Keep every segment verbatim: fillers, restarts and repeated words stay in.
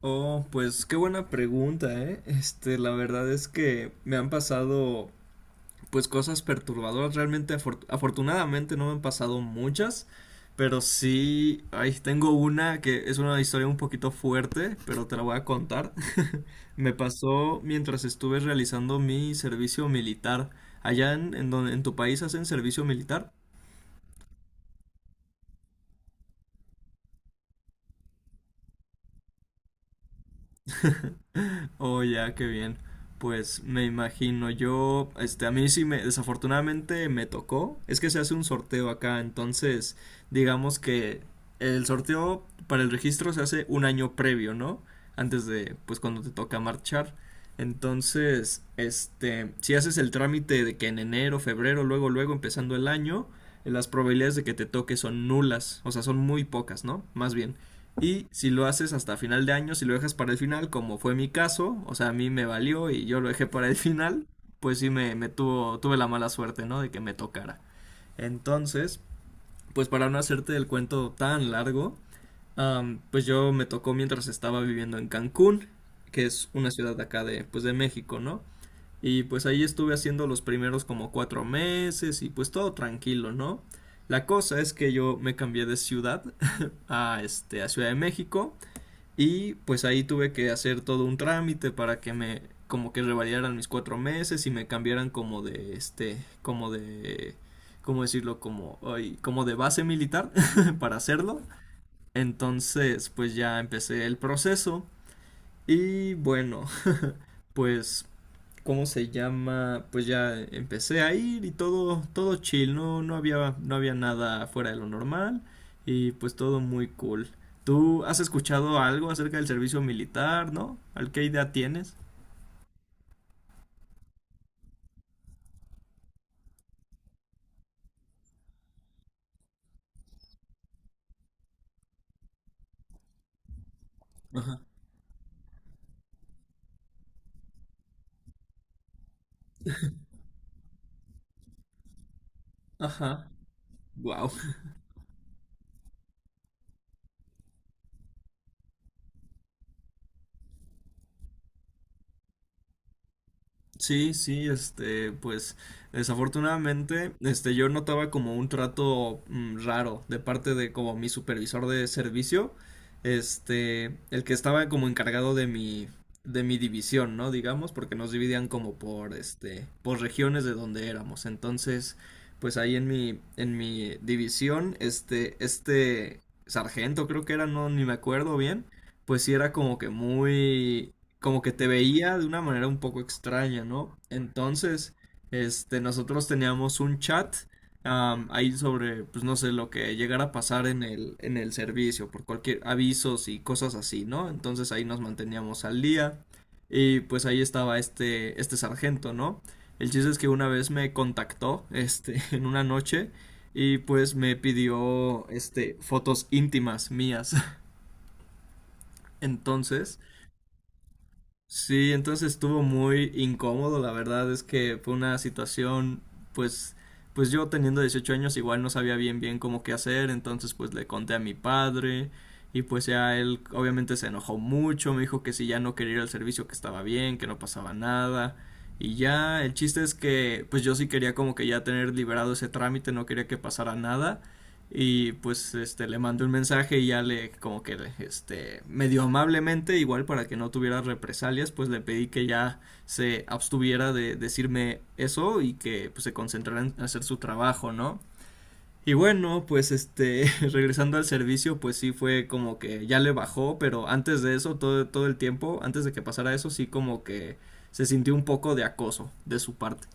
Oh, pues qué buena pregunta, ¿eh? Este, la verdad es que me han pasado, pues, cosas perturbadoras. Realmente, afor- afortunadamente no me han pasado muchas, pero sí, ahí tengo una que es una historia un poquito fuerte, pero te la voy a contar. Me pasó mientras estuve realizando mi servicio militar. Allá en, en donde, en tu país hacen servicio militar. Oh, ya, qué bien. Pues me imagino yo, este, a mí sí me, desafortunadamente me tocó. Es que se hace un sorteo acá, entonces, digamos que el sorteo para el registro se hace un año previo, ¿no? Antes de, pues, cuando te toca marchar. Entonces, este, si haces el trámite de que en enero, febrero, luego, luego, empezando el año, las probabilidades de que te toque son nulas, o sea, son muy pocas, ¿no? Más bien. Y si lo haces hasta final de año, si lo dejas para el final, como fue mi caso, o sea, a mí me valió y yo lo dejé para el final, pues sí me, me tuvo, tuve la mala suerte, ¿no? De que me tocara. Entonces, pues para no hacerte el cuento tan largo, am, pues yo me tocó mientras estaba viviendo en Cancún, que es una ciudad de acá de, pues de México, ¿no? Y pues ahí estuve haciendo los primeros como cuatro meses y pues todo tranquilo, ¿no? La cosa es que yo me cambié de ciudad a este a Ciudad de México y pues ahí tuve que hacer todo un trámite para que me como que revalidaran mis cuatro meses y me cambiaran como de este, como de, ¿cómo decirlo? Como, ay, como de base militar para hacerlo. Entonces pues ya empecé el proceso y bueno, pues ¿cómo se llama? Pues ya empecé a ir y todo, todo chill, no, no había, no había nada fuera de lo normal y pues todo muy cool. ¿Tú has escuchado algo acerca del servicio militar, no? ¿Al qué idea tienes? Ajá. Wow. Sí, sí, este, pues desafortunadamente, este, yo notaba como un trato mm, raro de parte de como mi supervisor de servicio, este, el que estaba como encargado de mi, de mi división, ¿no? Digamos, porque nos dividían como por, este, por regiones de donde éramos. Entonces, pues ahí en mi, en mi división, este, este sargento creo que era, no, ni me acuerdo bien, pues sí era como que muy como que te veía de una manera un poco extraña, ¿no? Entonces, este, nosotros teníamos un chat am, ahí sobre, pues no sé, lo que llegara a pasar en el, en el servicio, por cualquier avisos y cosas así, ¿no? Entonces ahí nos manteníamos al día y pues ahí estaba este, este sargento, ¿no? El chiste es que una vez me contactó, este, en una noche y pues me pidió, este, fotos íntimas mías. Entonces, sí, entonces estuvo muy incómodo, la verdad es que fue una situación, pues, pues yo teniendo dieciocho años igual no sabía bien bien cómo qué hacer, entonces pues le conté a mi padre y pues ya él obviamente se enojó mucho, me dijo que si ya no quería ir al servicio que estaba bien, que no pasaba nada y ya el chiste es que pues yo sí quería como que ya tener liberado ese trámite, no quería que pasara nada. Y pues este le mandé un mensaje y ya le como que este medio amablemente, igual para que no tuviera represalias, pues le pedí que ya se abstuviera de decirme eso y que pues, se concentrara en hacer su trabajo, ¿no? Y bueno, pues este, regresando al servicio, pues sí fue como que ya le bajó, pero antes de eso, todo, todo el tiempo, antes de que pasara eso, sí como que se sintió un poco de acoso de su parte.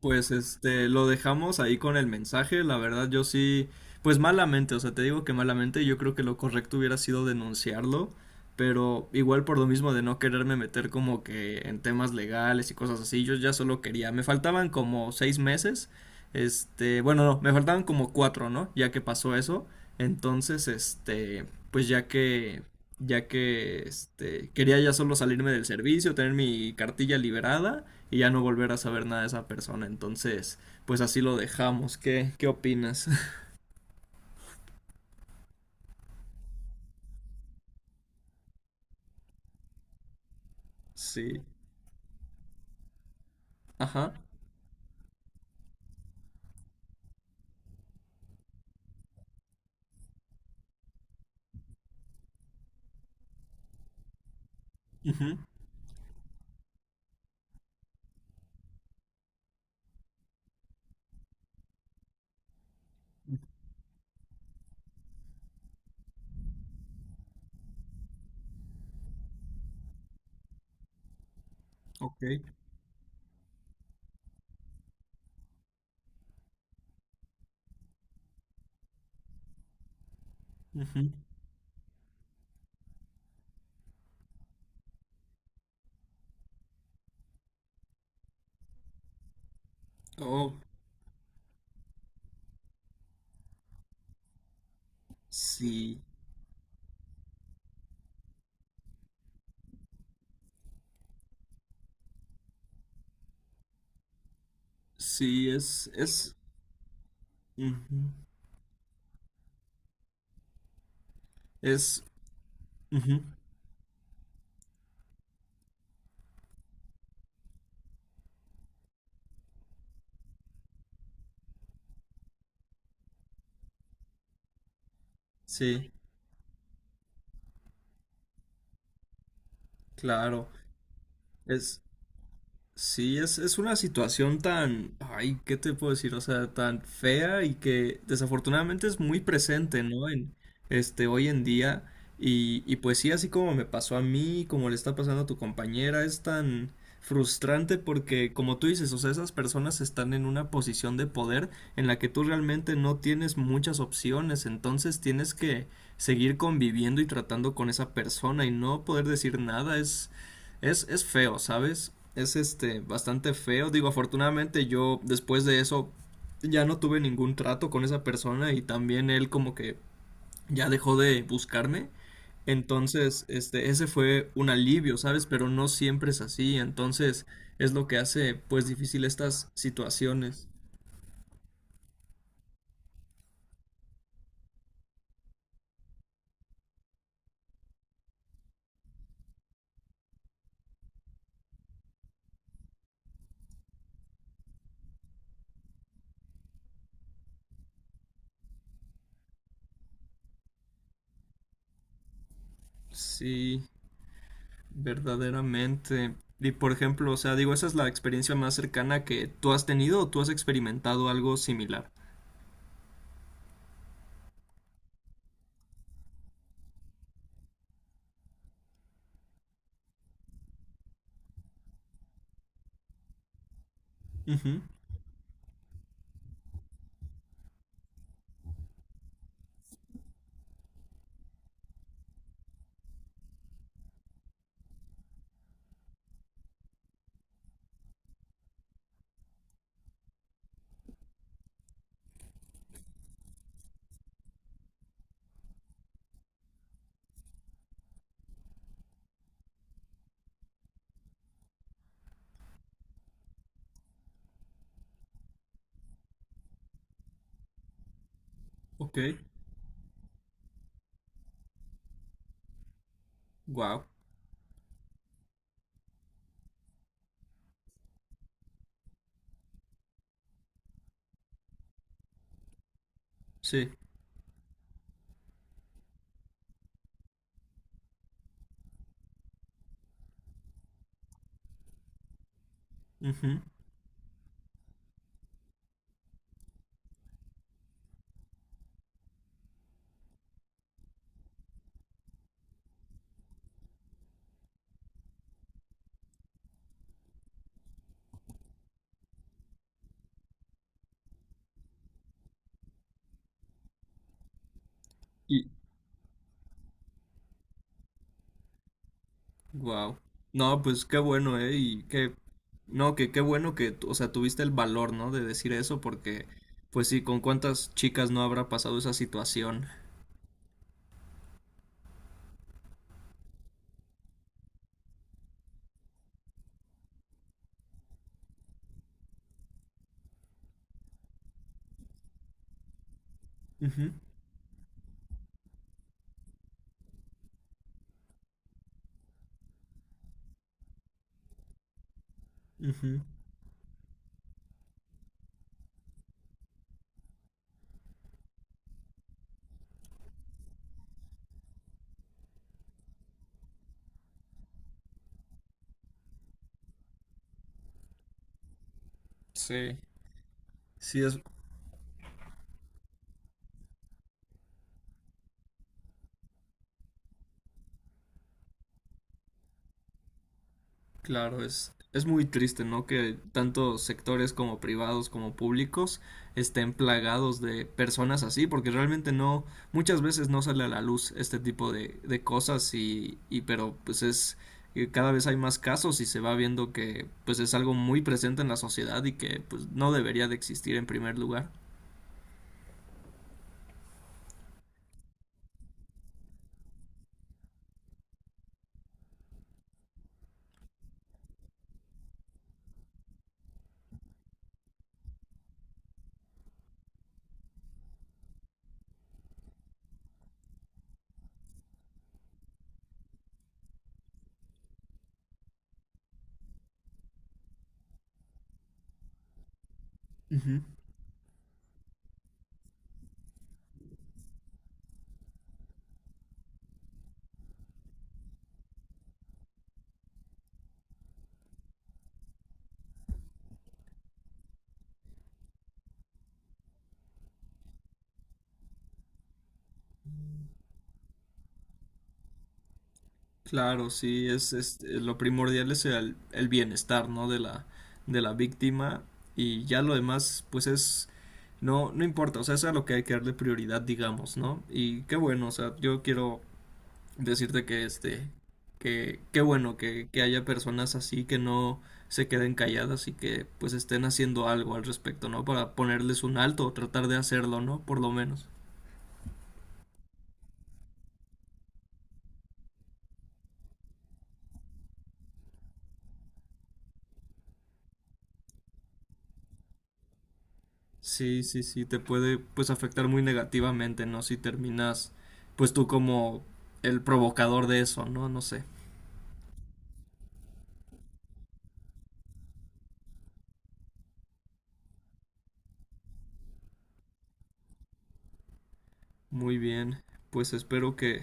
Pues este, lo dejamos ahí con el mensaje. La verdad, yo sí, pues malamente, o sea, te digo que malamente, yo creo que lo correcto hubiera sido denunciarlo, pero igual por lo mismo de no quererme meter como que en temas legales y cosas así, yo ya solo quería, me faltaban como seis meses, este, bueno, no, me faltaban como cuatro, ¿no? Ya que pasó eso, entonces, este, pues ya que, ya que, este, quería ya solo salirme del servicio, tener mi cartilla liberada y ya no volver a saber nada de esa persona. Entonces, pues así lo dejamos. ¿Qué, qué opinas? Sí. Ajá. Ujú. Ok. Ujú. Oh, sí. Sí, es, es, ujú. Es, ujú. Sí, claro. Es, sí, es, es una situación tan, ay, ¿qué te puedo decir? O sea, tan fea y que desafortunadamente es muy presente, ¿no? En, este, hoy en día. Y, y pues sí, así como me pasó a mí, como le está pasando a tu compañera, es tan frustrante porque, como tú dices, o sea, esas personas están en una posición de poder en la que tú realmente no tienes muchas opciones, entonces tienes que seguir conviviendo y tratando con esa persona y no poder decir nada es, es feo, ¿sabes? Es este bastante feo. Digo, afortunadamente yo después de eso ya no tuve ningún trato con esa persona y también él como que ya dejó de buscarme. Entonces, este, ese fue un alivio, ¿sabes? Pero no siempre es así. Entonces, es lo que hace pues difícil estas situaciones. Sí, verdaderamente. Y por ejemplo, o sea, digo, esa es la experiencia más cercana que tú has tenido o tú has experimentado algo similar. Ujú, ok. Wow. Sí. Ujú. Y wow. No, pues qué bueno, ¿eh? Y qué no, que qué bueno que, tú- o sea, tuviste el valor, ¿no? De decir eso porque pues sí, con cuántas chicas no habrá pasado esa situación. Ujú, ujú. Sí, sí, es, claro, es, es muy triste, ¿no? Que tanto sectores como privados como públicos estén plagados de personas así, porque realmente no, muchas veces no sale a la luz este tipo de, de cosas y, y pero pues es, y cada vez hay más casos y se va viendo que pues es algo muy presente en la sociedad y que pues no debería de existir en primer lugar. Ujú. Claro, sí, es, es- eh, lo primordial es el, el bienestar, ¿no? de la de la víctima y ya lo demás pues es no, no importa, o sea, eso es a lo que hay que darle prioridad, digamos, ¿no? Y qué bueno, o sea, yo quiero decirte que este, que qué bueno que, que haya personas así que no se queden calladas y que pues estén haciendo algo al respecto, ¿no? Para ponerles un alto o tratar de hacerlo, ¿no? Por lo menos. Sí, sí, sí, te puede pues afectar muy negativamente, ¿no? Si terminas pues tú como el provocador de eso, ¿no? No sé. Muy bien, pues espero que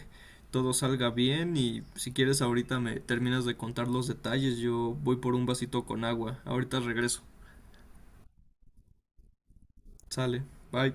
todo salga bien y si quieres ahorita me terminas de contar los detalles, yo voy por un vasito con agua, ahorita regreso, sale, bye.